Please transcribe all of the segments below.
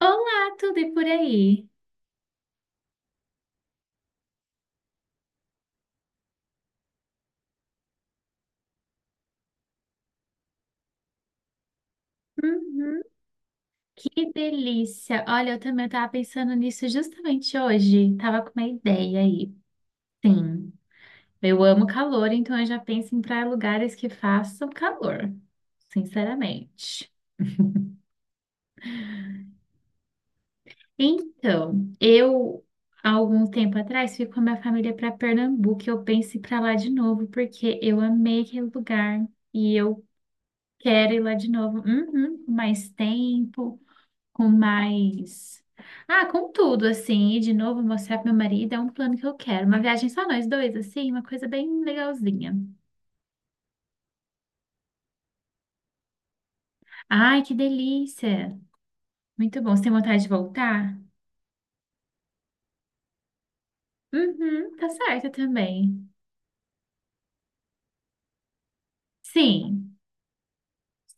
Olá, tudo e por aí? Uhum. Que delícia! Olha, eu também estava pensando nisso justamente hoje. Tava com uma ideia aí. Sim, eu amo calor, então eu já penso em para lugares que façam calor, sinceramente. Então, eu há algum tempo atrás fui com a minha família para Pernambuco e eu penso em ir para lá de novo porque eu amei aquele lugar e eu quero ir lá de novo. Uhum, com mais tempo. Com mais. Ah, com tudo, assim, e de novo mostrar pro meu marido, é um plano que eu quero. Uma viagem só nós dois, assim, uma coisa bem legalzinha. Ai, que delícia! Muito bom. Você tem vontade de voltar? Uhum, tá certo também. Sim,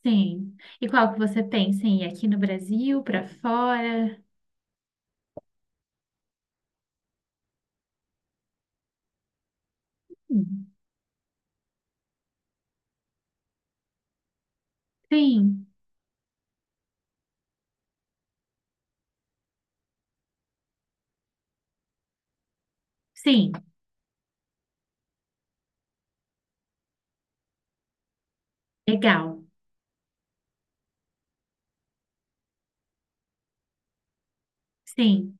sim. E qual que você pensa em ir aqui no Brasil, pra fora? Hum, Sim, sim. Legal. Sim.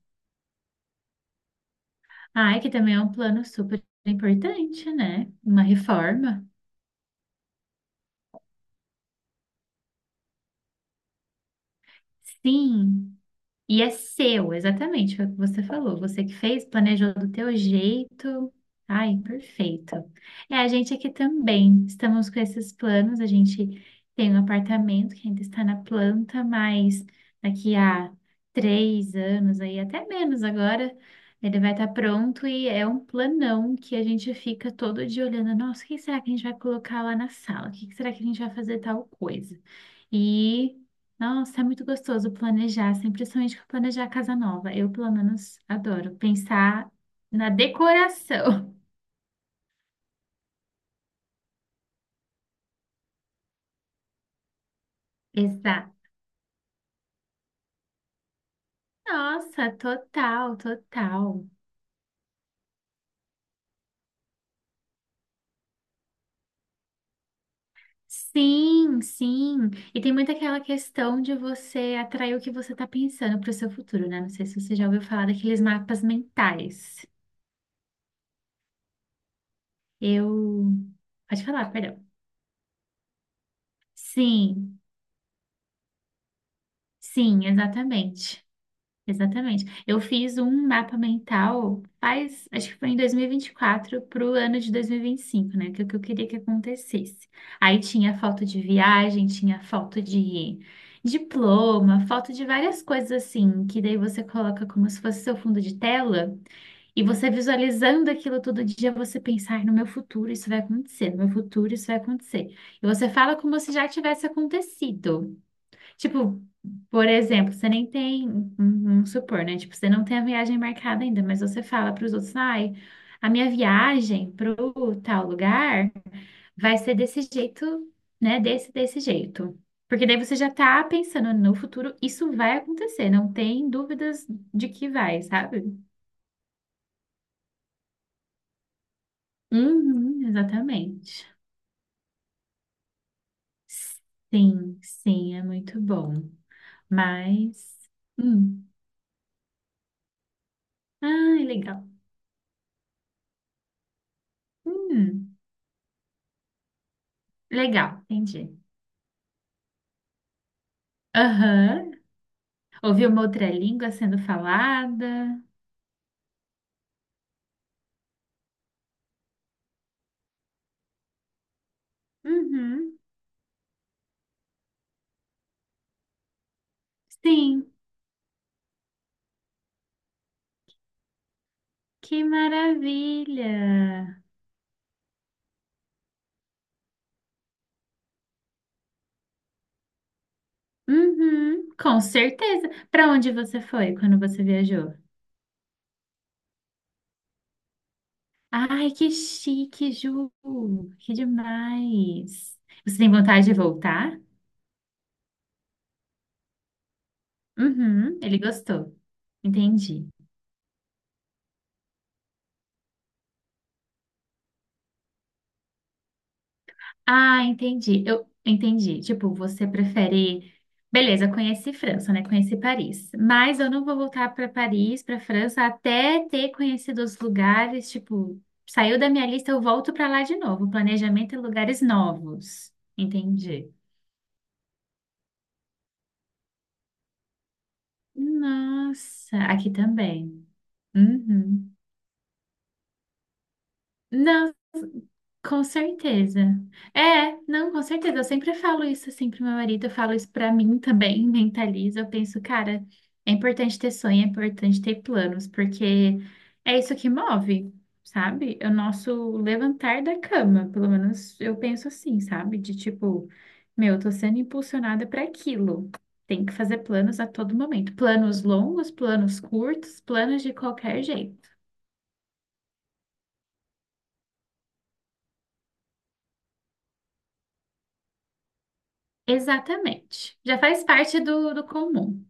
Ai, que também é um plano super importante, né? Uma reforma. Sim. E é seu, exatamente, foi o que você falou. Você que fez, planejou do teu jeito. Ai, perfeito. É, a gente aqui também. Estamos com esses planos. A gente tem um apartamento que ainda está na planta, mas daqui a 3 anos, aí até menos agora, ele vai estar pronto e é um planão que a gente fica todo dia olhando. Nossa, o que será que a gente vai colocar lá na sala? O que será que a gente vai fazer tal coisa? E nossa, é muito gostoso planejar, assim, principalmente planejar casa nova. Eu, pelo menos, adoro pensar na decoração. Exato. Nossa, total, total. Sim, sim. E tem muito aquela questão de você atrair o que você está pensando para o seu futuro, né? Não sei se você já ouviu falar daqueles mapas mentais. Eu. Pode falar, perdão. Sim, sim, exatamente. Exatamente. Eu fiz um mapa mental faz, acho que foi em 2024 para o ano de 2025, né? Que é o que eu queria que acontecesse. Aí tinha foto de viagem, tinha foto de diploma, foto de várias coisas assim, que daí você coloca como se fosse seu fundo de tela, e você visualizando aquilo todo dia, você pensa, "Ai, no meu futuro isso vai acontecer, meu futuro isso vai acontecer." E você fala como se já tivesse acontecido. Tipo, por exemplo, você nem tem, vamos supor, né? Tipo, você não tem a viagem marcada ainda, mas você fala para os outros, ai, a minha viagem pro tal lugar vai ser desse jeito, né? Desse jeito. Porque daí você já tá pensando no futuro, isso vai acontecer, não tem dúvidas de que vai, sabe? Uhum, exatamente. Sim, sim, é muito bom. Mas, hum, ai, legal. Hum, legal, entendi. Aham. Ouvir uma outra língua sendo falada. Uhum. Sim, que maravilha. Uhum. Com certeza. Para onde você foi quando você viajou? Ai, que chique, Ju. Que demais. Você tem vontade de voltar? Uhum. Ele gostou. Entendi. Ah, entendi. Eu entendi. Tipo, você prefere. Beleza, conheci França, né? Conheci Paris. Mas eu não vou voltar para Paris, para França, até ter conhecido os lugares. Tipo, saiu da minha lista, eu volto para lá de novo. Planejamento e lugares novos. Entendi. Nossa, aqui também. Uhum. Não, com certeza. É, não, com certeza. Eu sempre falo isso assim pro meu marido, eu falo isso pra mim também, mentalizo. Eu penso, cara, é importante ter sonho, é importante ter planos, porque é isso que move, sabe? É o nosso levantar da cama, pelo menos eu penso assim, sabe? De tipo, meu, eu tô sendo impulsionada para aquilo. Tem que fazer planos a todo momento. Planos longos, planos curtos, planos de qualquer jeito. Exatamente. Já faz parte do comum.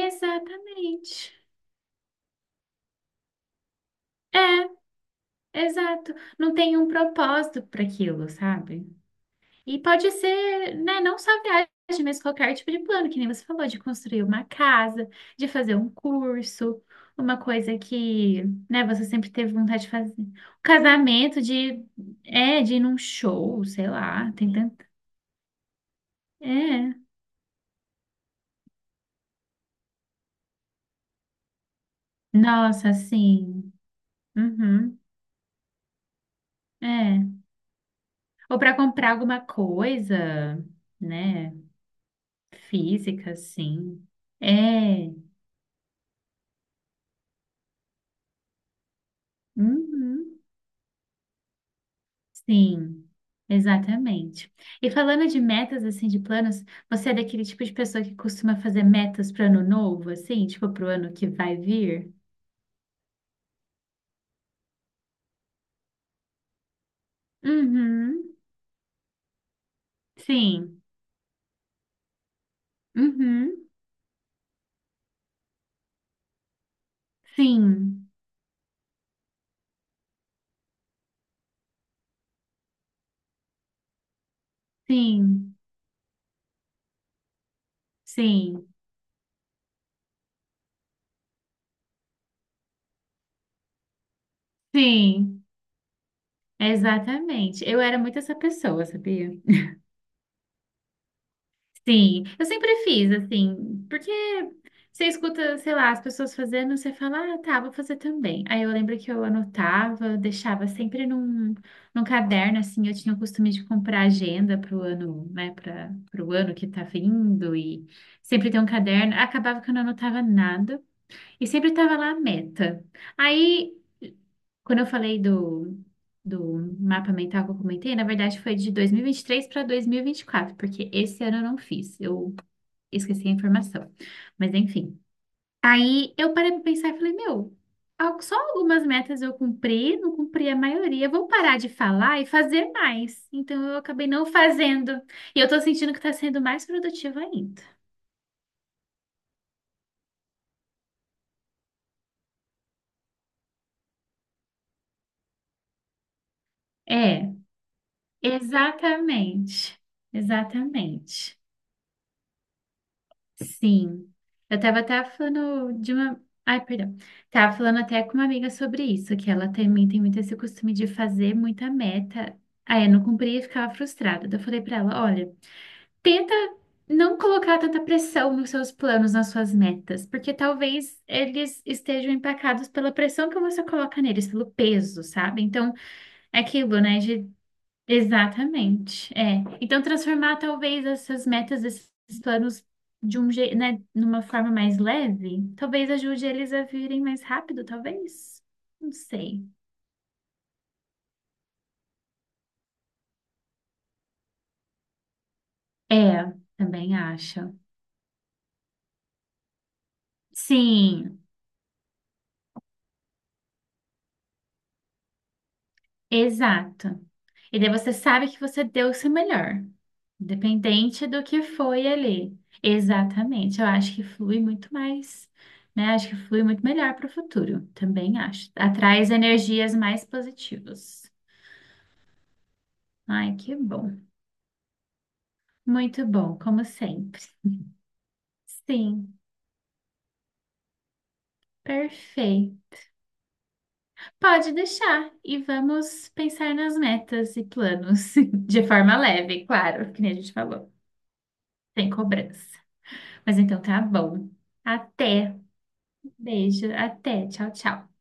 Exatamente. É, exato. Não tem um propósito para aquilo, sabe? E pode ser, né, não só viagem, mas qualquer tipo de plano, que nem você falou, de construir uma casa, de fazer um curso, uma coisa que, né, você sempre teve vontade de fazer. Um casamento de, é, de ir num show, sei lá, tem tanto. É. Nossa, assim. Uhum. É. Ou para comprar alguma coisa, né? Física, sim. É. Uhum. Sim, exatamente. E falando de metas, assim, de planos, você é daquele tipo de pessoa que costuma fazer metas para ano novo, assim, tipo para o ano que vai vir? Uhum. Sim. Uhum. Sim. Sim. Sim. Sim. Exatamente. Eu era muito essa pessoa, sabia? Sim, eu sempre fiz, assim, porque você escuta, sei lá, as pessoas fazendo, você fala, ah, tá, vou fazer também. Aí eu lembro que eu anotava, deixava sempre num caderno, assim, eu tinha o costume de comprar agenda pro ano, né, para pro ano que tá vindo, e sempre ter um caderno. Acabava que eu não anotava nada, e sempre tava lá a meta. Aí, quando eu falei do. Do mapa mental que eu comentei, na verdade foi de dois mil e vinte e três para dois mil e vinte e quatro porque esse ano eu não fiz. Eu esqueci a informação. Mas enfim. Aí eu parei pra pensar e falei, meu, só algumas metas eu cumpri, não cumpri a maioria. Vou parar de falar e fazer mais. Então eu acabei não fazendo. E eu tô sentindo que tá sendo mais produtiva ainda. É, exatamente. Exatamente. Sim. Eu tava até falando de uma. Ai, perdão. Tava falando até com uma amiga sobre isso, que ela também tem muito esse costume de fazer muita meta. Aí eu não cumpria e ficava frustrada. Daí eu falei pra ela: olha, tenta não colocar tanta pressão nos seus planos, nas suas metas, porque talvez eles estejam empacados pela pressão que você coloca neles, pelo peso, sabe? Então, é aquilo, né? Exatamente, é. Então, transformar talvez essas metas, esses planos né, numa forma mais leve, talvez ajude eles a virem mais rápido, talvez. Não sei. É, também acho. Sim, exato. E daí você sabe que você deu o seu melhor, independente do que foi ali. Exatamente. Eu acho que flui muito mais, né? Acho que flui muito melhor para o futuro. Também acho. Atraz energias mais positivas. Ai, que bom. Muito bom, como sempre. Sim, perfeito. Pode deixar e vamos pensar nas metas e planos de forma leve, claro, que nem a gente falou, sem cobrança. Mas então tá bom. Até. Beijo, até. Tchau, tchau.